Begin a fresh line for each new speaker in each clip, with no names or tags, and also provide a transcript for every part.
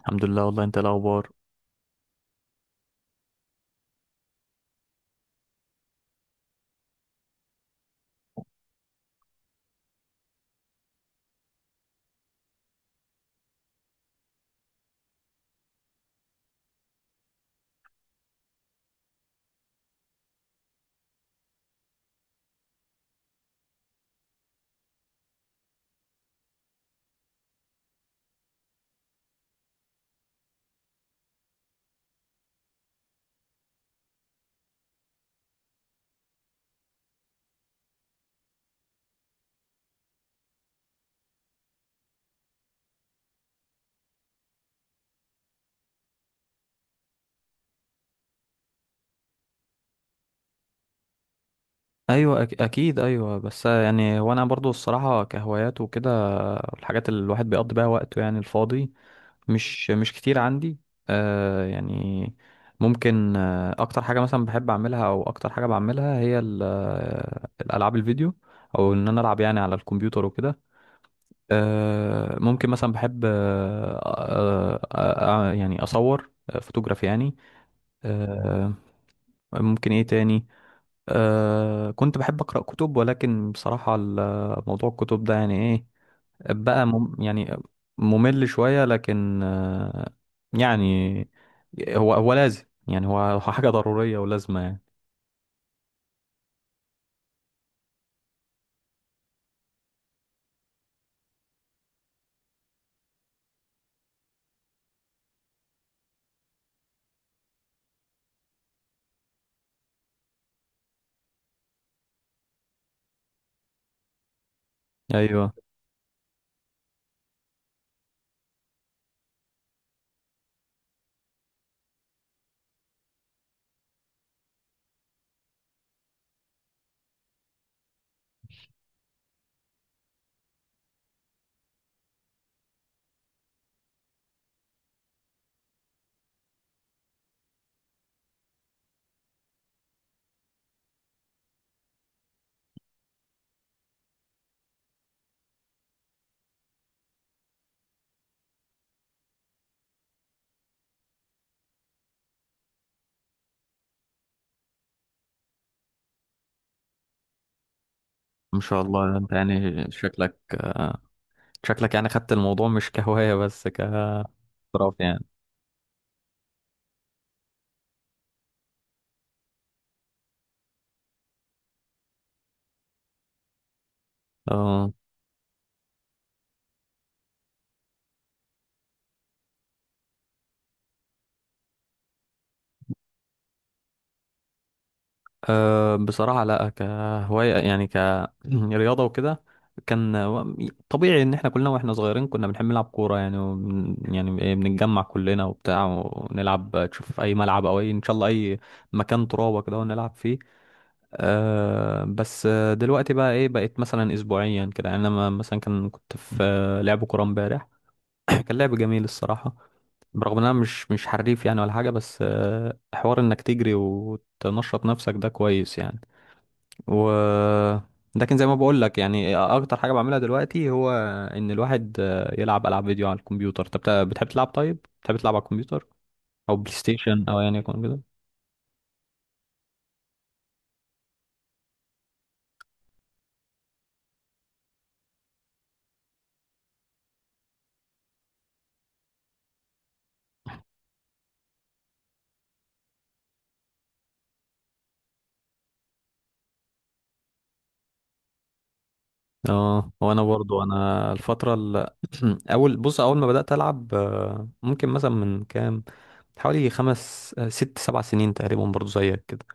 الحمد لله. والله انت الاخبار؟ ايوه، اكيد ايوه، بس يعني وانا برضو الصراحه كهوايات وكده الحاجات اللي الواحد بيقضي بيها وقته يعني الفاضي مش كتير عندي. آه يعني ممكن اكتر حاجه مثلا بحب اعملها او اكتر حاجه بعملها هي الالعاب الفيديو او ان انا العب يعني على الكمبيوتر وكده. ممكن مثلا بحب يعني اصور فوتوغرافي يعني. آه ممكن ايه تاني؟ أه كنت بحب أقرأ كتب، ولكن بصراحة موضوع الكتب ده يعني إيه بقى يعني ممل شوية. لكن أه يعني هو هو لازم يعني هو هو حاجة ضرورية ولازمة يعني. أيوه. ما شاء الله، أنت يعني شكلك شكلك يعني خدت الموضوع مش كهواية بس. كاحتراف يعني. اه. أه بصراحة لا، كهواية يعني. كرياضة وكده. كان و- طبيعي ان احنا كلنا واحنا صغيرين كنا بنحب نلعب كورة، يعني يعني إيه، بنتجمع كلنا وبتاع ونلعب، تشوف في اي ملعب او اي ان شاء الله اي مكان ترابة كده ونلعب فيه. أه بس دلوقتي بقى ايه بقيت مثلا اسبوعيا كده، يعني انا مثلا كنت في لعب كورة امبارح. كان لعب جميل الصراحة. برغم ان انا مش حريف يعني ولا حاجة، بس حوار انك تجري وتنشط نفسك ده كويس يعني. و لكن زي ما بقول لك يعني اكتر حاجه بعملها دلوقتي هو ان الواحد يلعب العاب فيديو على الكمبيوتر. طب بتحب تلعب، طيب بتحب تلعب على الكمبيوتر او بلاي ستيشن او يعني يكون كده؟ اه، وانا برضو الفتره اول ما بدات العب ممكن مثلا من كام، حوالي خمس ست سبع سنين تقريبا، برضو زيك كده.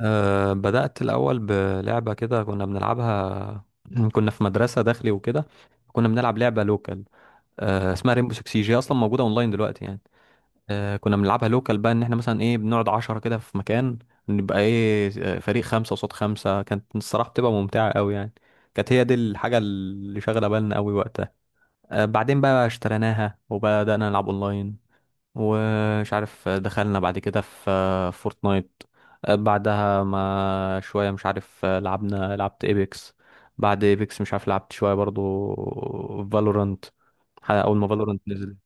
أه بدأت الأول بلعبة كده كنا بنلعبها كنا في مدرسة داخلي وكده، كنا بنلعب لعبة لوكال اسمها ريمبو 6. جي اصلا موجوده اونلاين دلوقتي يعني. كنا بنلعبها لوكال بقى، ان احنا مثلا ايه بنقعد 10 كده في مكان، نبقى ايه فريق 5 قصاد 5. كانت الصراحة بتبقى ممتعة قوي يعني. كانت هي دي الحاجة اللي شاغلة بالنا قوي وقتها. بعدين بقى اشتريناها وبدأنا نلعب اونلاين. ومش عارف، دخلنا بعد كده في فورتنايت. بعدها ما شوية مش عارف، آه، لعبنا لعبت ايبكس. بعد ايبكس مش عارف لعبت شوية برضو فالورانت. اول ما فالورانت نزل.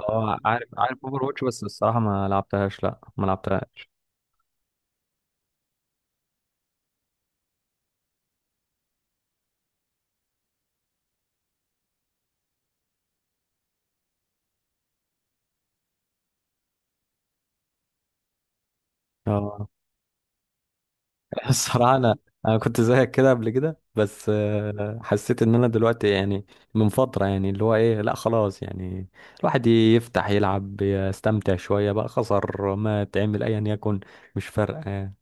اه عارف عارف اوفر واتش، بس الصراحه ما لعبتهاش، لا ما لعبتهاش. اه. الصراحه انا كنت زيك كده قبل كده، بس حسيت ان انا دلوقتي يعني من فتره يعني اللي هو ايه، لا خلاص يعني الواحد يفتح يلعب يستمتع شويه، بقى خسر ما تعمل ايا يكن مش فارقه يعني.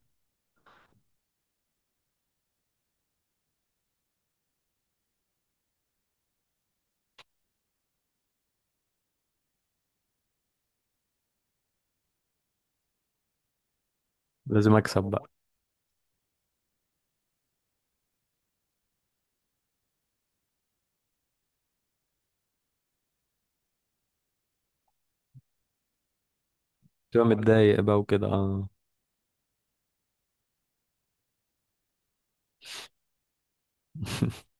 لازم اكسب بقى. تبقى متضايق بقى وكده، اه.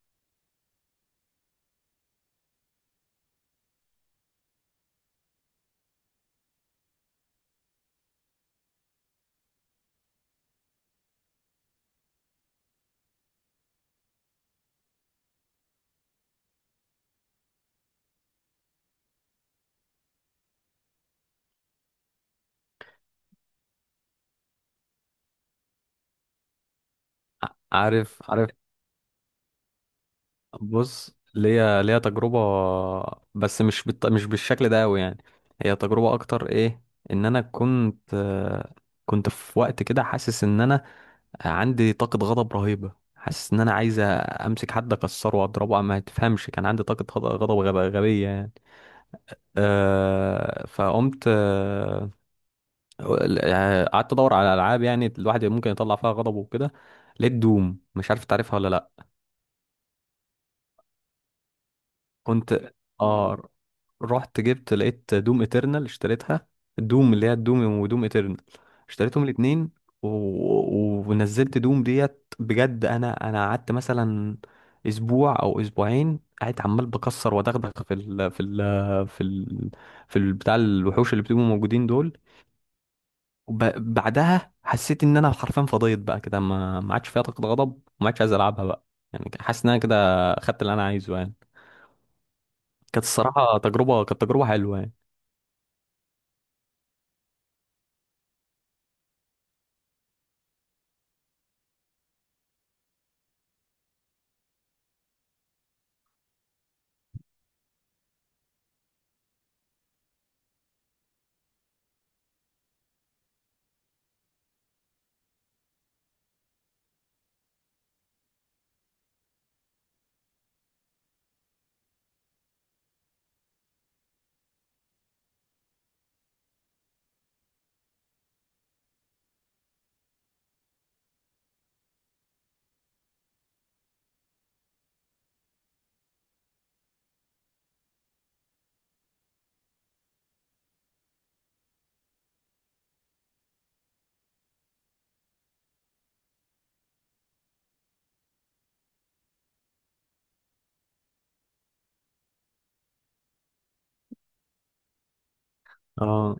عارف عارف. بص، ليا تجربة، بس مش بالشكل ده قوي يعني. هي تجربة اكتر ايه، ان انا كنت كنت في وقت كده حاسس ان انا عندي طاقة غضب رهيبة، حاسس ان انا عايز امسك حد اكسره واضربه، ما تفهمش، كان عندي طاقة غبية يعني. أه فقمت قعدت ادور على العاب يعني الواحد ممكن يطلع فيها غضبه وكده، لقيت دوم. مش عارف تعرفها ولا لا؟ كنت اه، رحت جبت، لقيت دوم اترنال اشتريتها. دوم، اللي هي الدوم ودوم اترنال، اشتريتهم الاتنين. ونزلت دوم ديت بجد. انا قعدت مثلا اسبوع او اسبوعين قاعد عمال بكسر ودغدغ في في ال... بتاع الوحوش اللي بتبقوا موجودين دول. وب... بعدها حسيت ان انا حرفيا فضيت بقى كده، ما عادش فيها طاقة غضب وما عادش عايز العبها بقى. يعني حاسس ان انا كده خدت اللي انا عايزه يعني. كانت الصراحة تجربة، كانت تجربة حلوة يعني. اه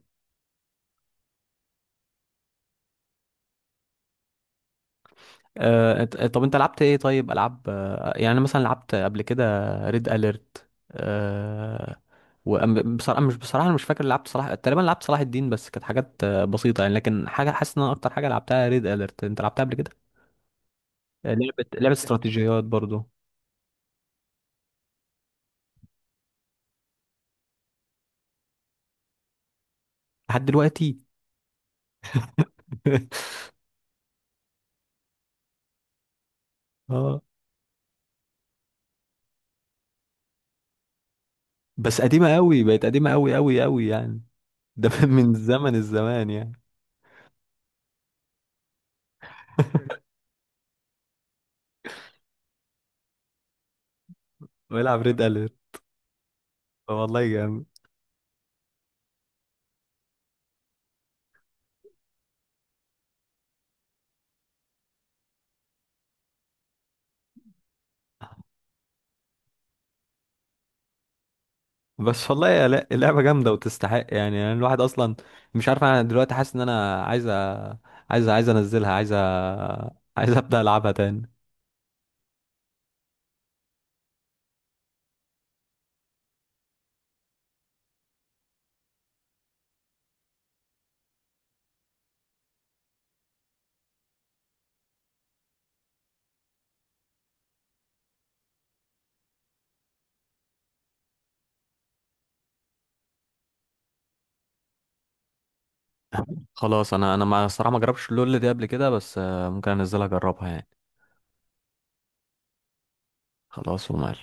طب انت لعبت ايه طيب؟ العاب يعني أنا مثلا لعبت قبل كده ريد اليرت. آه، وبصراحة مش بصراحة انا مش فاكر، لعبت صلاح تقريبا، لعبت صلاح الدين، بس كانت حاجات بسيطة يعني. لكن حاجة حاسس ان انا اكتر حاجة لعبتها ريد اليرت. انت لعبتها قبل كده؟ لعبة استراتيجيات برضو. لحد دلوقتي. اه بس قديمة قوي، بقت قديمة قوي قوي قوي يعني. ده من زمن الزمان يعني. ويلعب ريد اليرت، والله جامد. بس والله يا اللعبة جامدة وتستحق يعني، يعني الواحد أصلا مش عارف، أنا دلوقتي حاسس إن أنا عايز أنزلها، عايز أبدأ ألعبها تاني. خلاص، أنا ما جربتش اللول دي قبل كده، بس ممكن أنزلها أجربها يعني. خلاص. ومال.